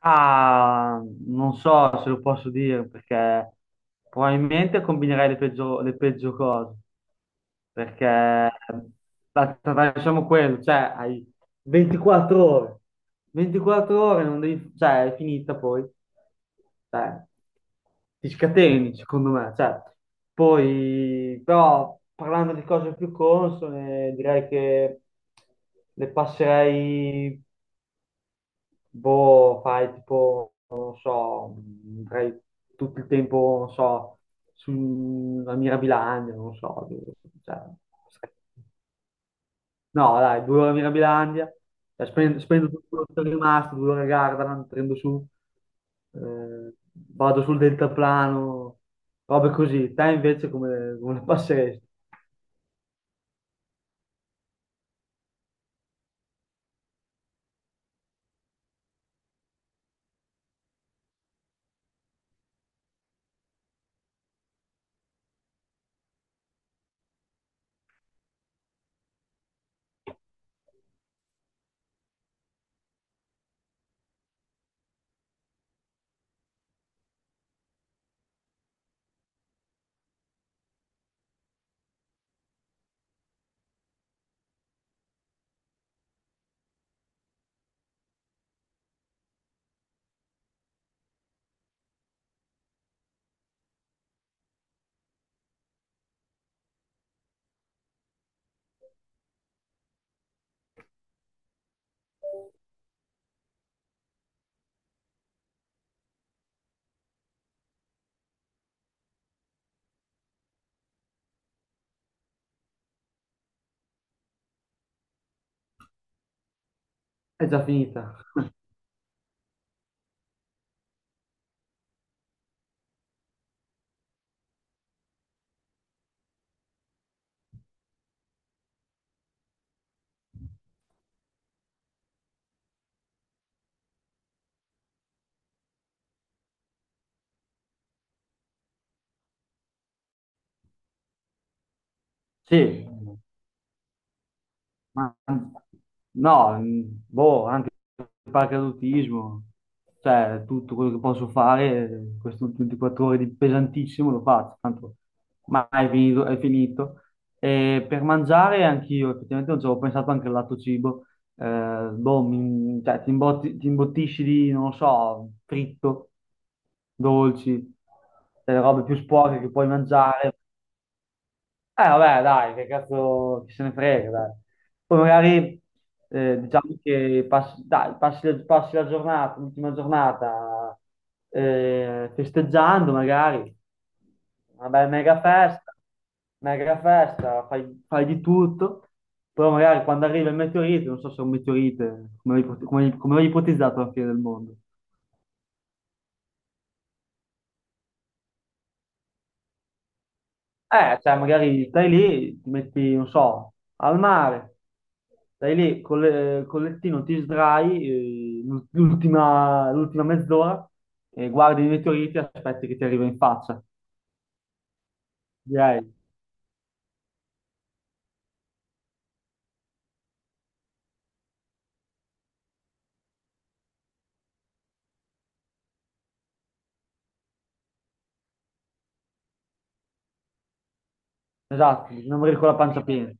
Ah, Non so se lo posso dire perché probabilmente combinerei le peggio cose. Perché facciamo quello, cioè hai 24 ore, 24 ore non devi, cioè è finita poi, cioè, ti scateni secondo me, cioè, poi però parlando di cose più consone direi che le passerei. Boh, fai tipo, non so, andrei tutto il tempo, non so, sulla Mirabilandia, non so, cioè, no, dai, due ore a Mirabilandia, cioè, spendo tutto quello che è rimasto, due ore a Gardaland, prendo su, vado sul deltaplano, robe così. Te invece come, come la passeresti? È già finita. Sì, Ma- no, boh, anche il paracadutismo, cioè tutto quello che posso fare, queste ultime 24 ore di pesantissimo lo faccio, tanto mai è finito, è finito. E per mangiare anch'io, effettivamente non ci avevo pensato anche al lato cibo. Boh, cioè, ti imbottisci di, non lo so, fritto, dolci, robe più sporche che puoi mangiare, vabbè, dai, che cazzo chi se ne frega, dai. Poi magari diciamo che passi, dai, passi la giornata, l'ultima giornata festeggiando, magari. Una bella mega festa, fai, fai di tutto. Però magari quando arriva il meteorite, non so se è un meteorite, come come come l'hai ipotizzato alla fine del mondo. Cioè magari stai lì, ti metti, non so, al mare, stai lì col, col lettino, ti sdrai, l'ultima mezz'ora, e guardi i meteoriti e aspetti che ti arriva in faccia, direi. Esatto, bisogna morire con la pancia piena.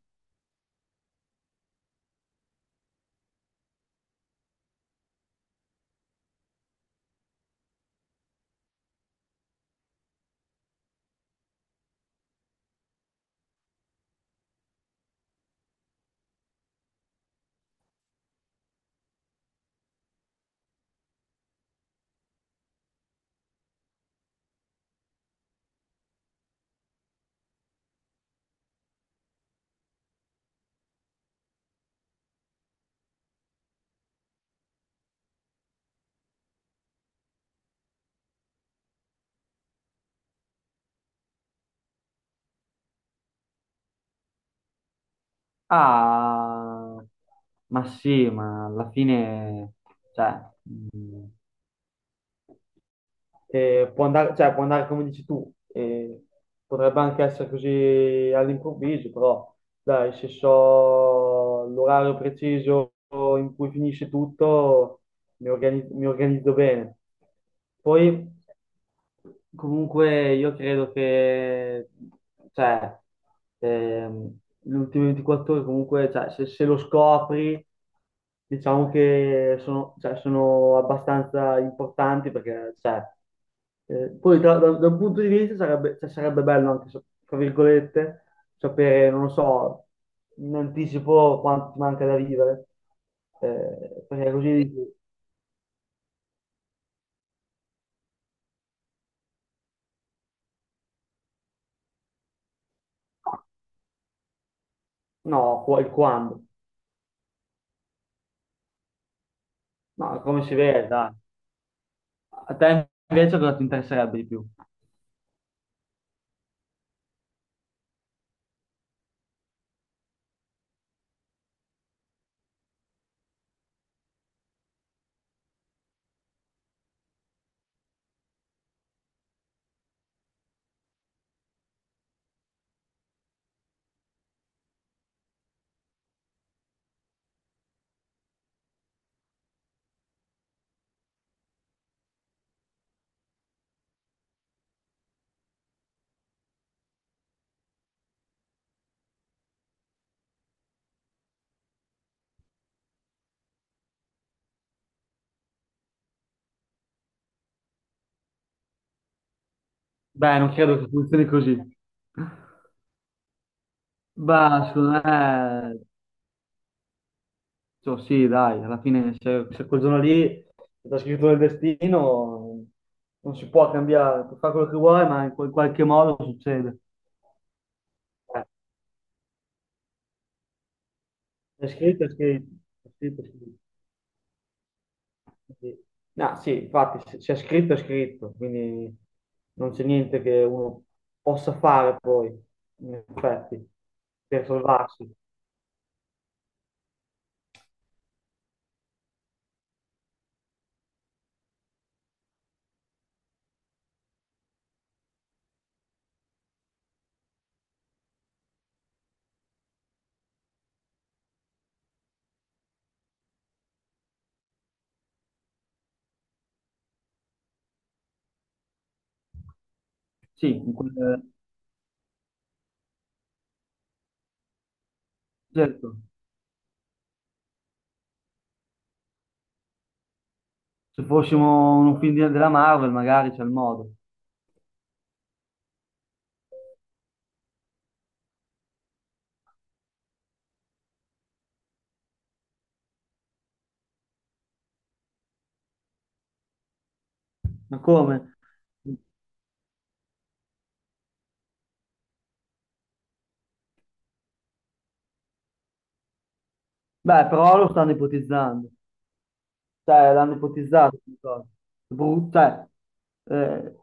Ah, ma sì, ma alla fine, cioè, eh, può andare, cioè, può andare come dici tu, potrebbe anche essere così all'improvviso, però dai, se so l'orario preciso in cui finisce tutto, mi organizzo bene. Poi. Comunque io credo che cioè, le ultime 24 ore comunque cioè, se lo scopri diciamo che sono, cioè, sono abbastanza importanti perché cioè, poi da, da un punto di vista sarebbe, cioè, sarebbe bello anche tra virgolette sapere non lo so in anticipo quanto ti manca da vivere, perché così dici, no il quando, no come si vede dai. A te invece cosa ti interesserebbe di più? Beh, non credo che funzioni così. Beh, secondo me, cioè, sì, dai, alla fine se, se quel giorno lì è già scritto nel destino, non si può cambiare, puoi fare quello che vuoi, ma in qualche modo succede. Eh, È scritto, è scritto, è scritto, è scritto. Sì. No, sì, infatti, se è scritto, è scritto, quindi non c'è niente che uno possa fare poi, in effetti, per salvarsi. Sì, in certo, se fossimo un film della Marvel magari c'è il modo. Ma come? Beh, però lo stanno ipotizzando, cioè l'hanno ipotizzato questa cosa. Cioè, eh,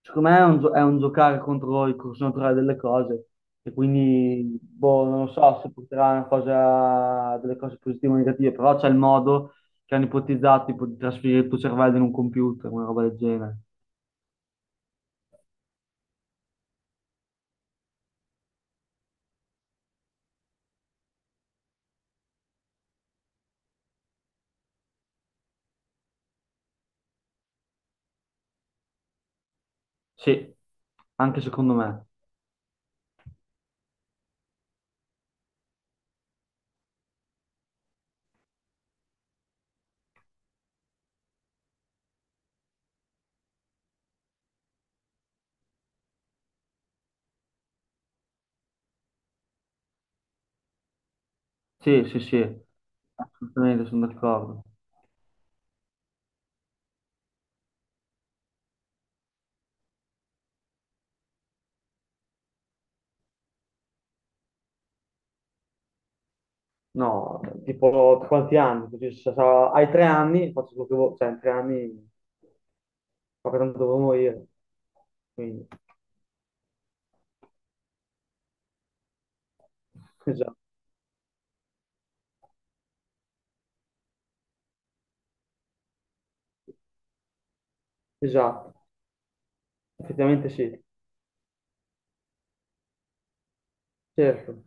secondo me è un, è un giocare contro il corso naturale delle cose e quindi, boh, non lo so se porterà a una cosa, delle cose positive o negative, però c'è il modo che hanno ipotizzato tipo di trasferire il tuo cervello in un computer, una roba del genere. Sì, anche secondo me. Sì, sì, sì, assolutamente sono d'accordo. No, tipo quanti anni? Così, se hai 3 anni, faccio quello che vuoi, cioè in 3 anni ma che tanto devo morire. Quindi, esatto, esatto, effettivamente sì, certo,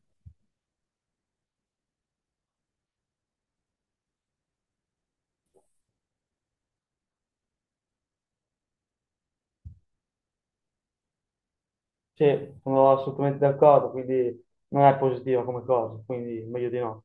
sì, sono assolutamente d'accordo, quindi non è positiva come cosa, quindi meglio di no.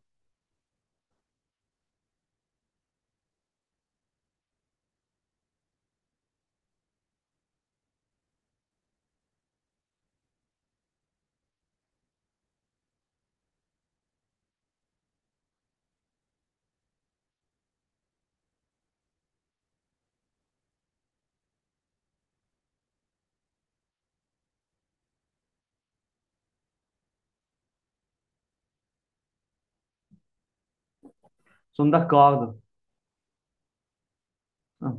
Sono d'accordo. Ah.